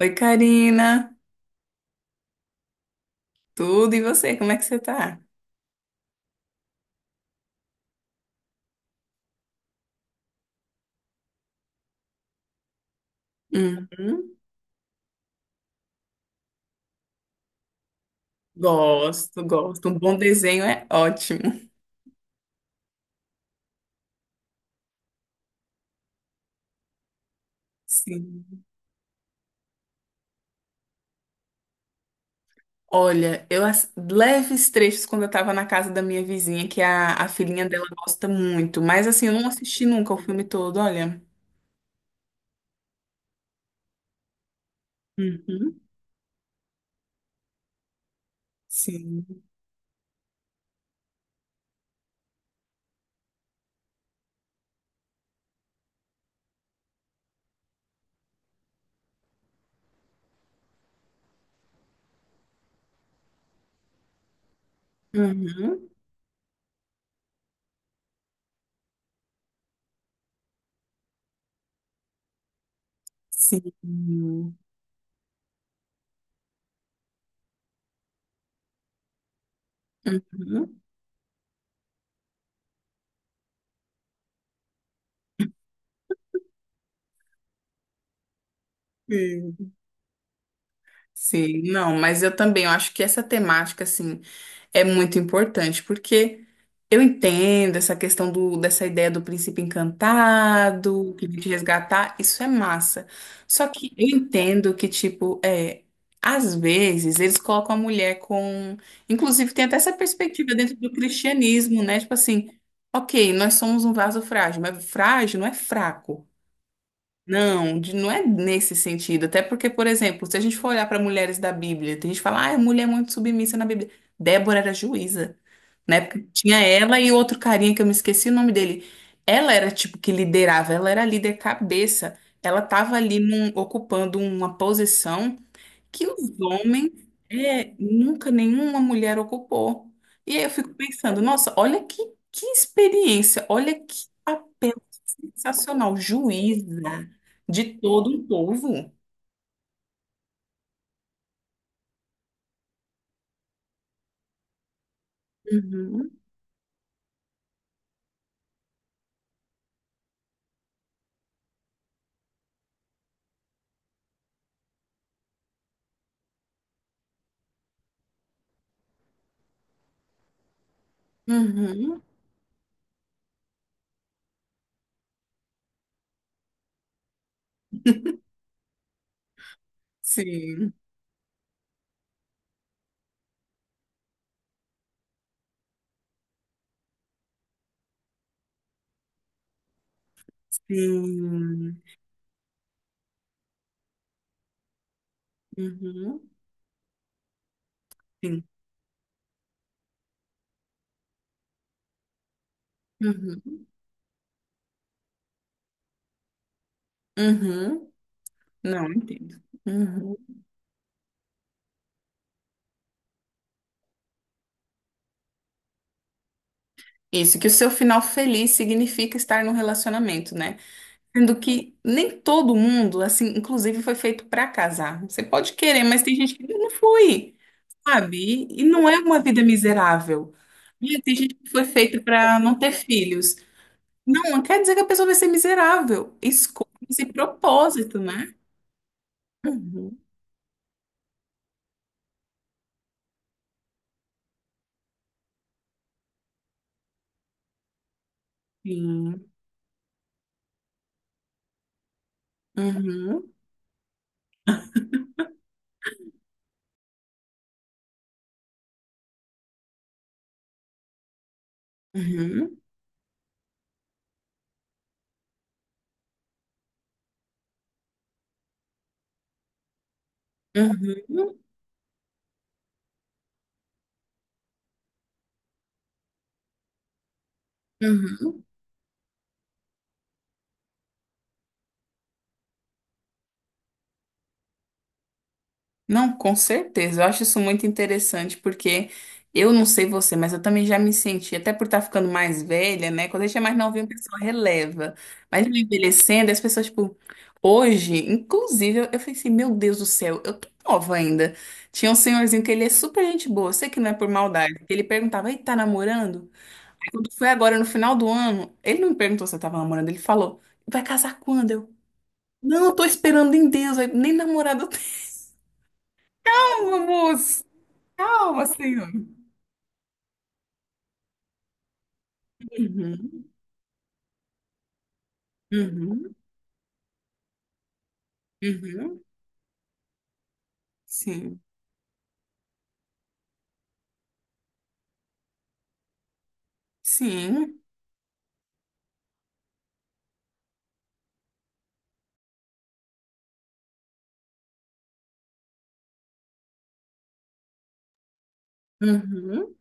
Oi, Karina. Tudo, e você? Como é que você tá? Uhum. Gosto, gosto. Um bom desenho é ótimo. Sim. Olha, leves trechos quando eu tava na casa da minha vizinha, que a filhinha dela gosta muito. Mas assim, eu não assisti nunca o filme todo, olha. Uhum. Sim. Uhum. Sim. Uhum. Sim. Sim, não, mas eu também, eu acho que essa temática, assim, é muito importante, porque eu entendo essa questão dessa ideia do príncipe encantado, que vem te resgatar, isso é massa. Só que eu entendo que, tipo, é, às vezes eles colocam a mulher com. Inclusive, tem até essa perspectiva dentro do cristianismo, né? Tipo assim, ok, nós somos um vaso frágil, mas frágil não é fraco. Não, não é nesse sentido. Até porque, por exemplo, se a gente for olhar para mulheres da Bíblia, tem gente que fala, ah, a mulher é muito submissa na Bíblia. Débora era juíza. Na época tinha ela e outro carinha que eu me esqueci o nome dele. Ela era tipo que liderava, ela era a líder cabeça. Ela tava ali ocupando uma posição que os homens é, nunca nenhuma mulher ocupou. E aí eu fico pensando, nossa, olha que experiência, olha que papel sensacional, juíza de todo um povo. Uhum, uhum, sim, sim, uhum, sim, uhum, uhum. Não entendo. Uhum. Isso, que o seu final feliz significa estar num relacionamento, né? Sendo que nem todo mundo, assim, inclusive foi feito pra casar. Você pode querer, mas tem gente que não foi, sabe? E não é uma vida miserável. E tem gente que foi feita pra não ter filhos. Não, não quer dizer que a pessoa vai ser miserável. Escolha esse propósito, né? Uhum. Sim. Uhum. Uhum. Uhum. Uhum. Não, com certeza. Eu acho isso muito interessante porque eu não sei você, mas eu também já me senti, até por estar ficando mais velha, né? Quando a gente é mais novinho, a pessoa releva. Mas me envelhecendo, as pessoas, tipo, hoje, inclusive, eu falei assim, meu Deus do céu, eu tô nova ainda. Tinha um senhorzinho que ele é super gente boa, eu sei que não é por maldade. Ele perguntava, ei, tá namorando? Aí quando foi agora, no final do ano, ele não me perguntou se eu tava namorando, ele falou, vai casar quando? Eu, não, eu tô esperando em Deus, aí, nem namorado eu tenho, amor. Calma, senhor. Uhum, uhum, uhum, sim, sim, uhum,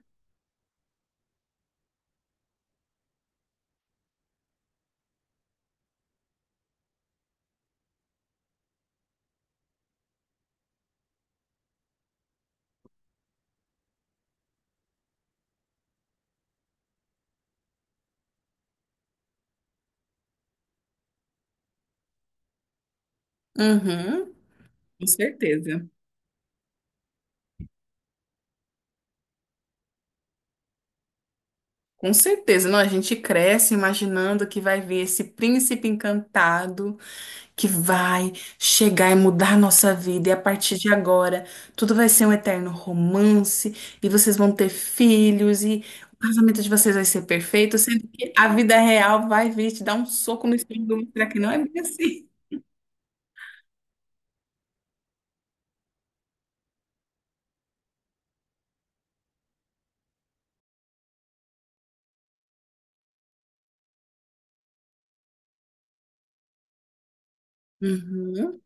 uhum, com certeza, com certeza. Não, a gente cresce imaginando que vai ver esse príncipe encantado que vai chegar e mudar a nossa vida, e a partir de agora tudo vai ser um eterno romance, e vocês vão ter filhos, e o casamento de vocês vai ser perfeito, sendo que a vida real vai vir te dar um soco no estômago e mostrar que não é bem assim. Uhum.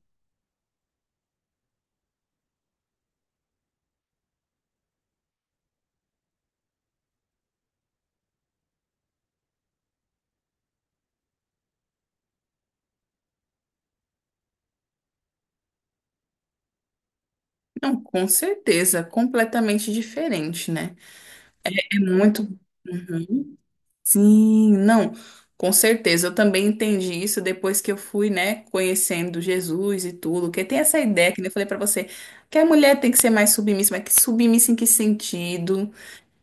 Não, com certeza, completamente diferente, né? É muito. Uhum. Sim, não, com certeza. Eu também entendi isso depois que eu fui, né, conhecendo Jesus e tudo. Porque tem essa ideia que nem eu falei pra você, que a mulher tem que ser mais submissa, mas que submissa em que sentido?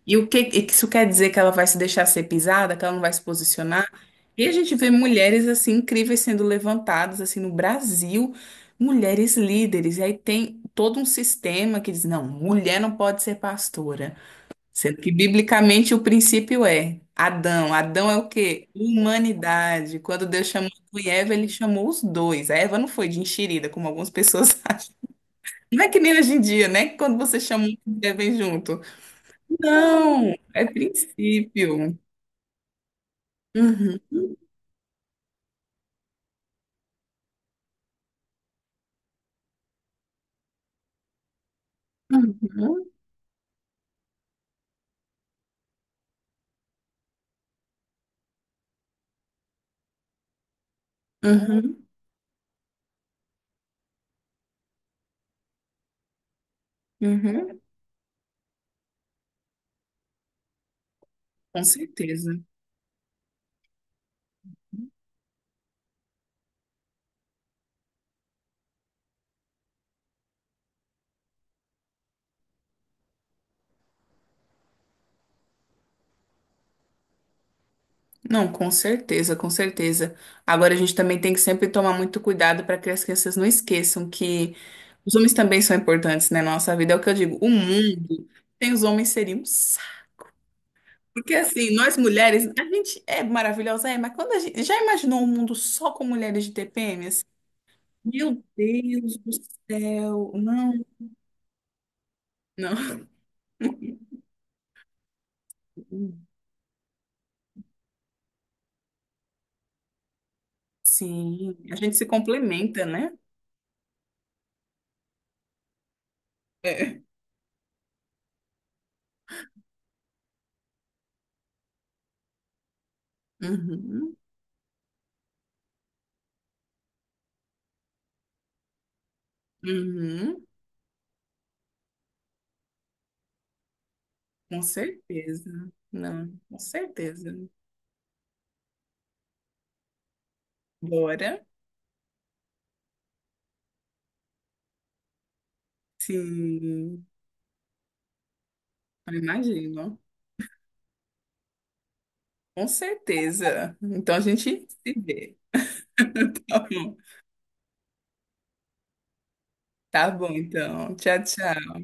E o que e que isso quer dizer que ela vai se deixar ser pisada, que ela não vai se posicionar? E a gente vê mulheres assim incríveis sendo levantadas assim no Brasil, mulheres líderes. E aí tem todo um sistema que diz, não, mulher não pode ser pastora. Sendo que biblicamente o princípio é Adão. Adão é o quê? Humanidade. Quando Deus chamou Adão e Eva, ele chamou os dois. A Eva não foi de enxerida, como algumas pessoas acham. Não é que nem hoje em dia, né? Que quando você chama, um, vem junto. Não, é princípio. Uhum, uhum, uhum, uhum. Com certeza. Não, com certeza, com certeza. Agora a gente também tem que sempre tomar muito cuidado para que as crianças não esqueçam que os homens também são importantes, né, na nossa vida. É o que eu digo, o mundo sem os homens seria um saco. Porque assim, nós mulheres, a gente é maravilhosa, é, mas quando a gente já imaginou um mundo só com mulheres de TPM, assim, meu Deus do céu, não, não. Sim, a gente se complementa, né? É. Uhum, uhum, com certeza. Não, com certeza. Bora? Sim, eu imagino. Com certeza. Então a gente se vê. Tá bom, tá bom, então. Tchau, tchau.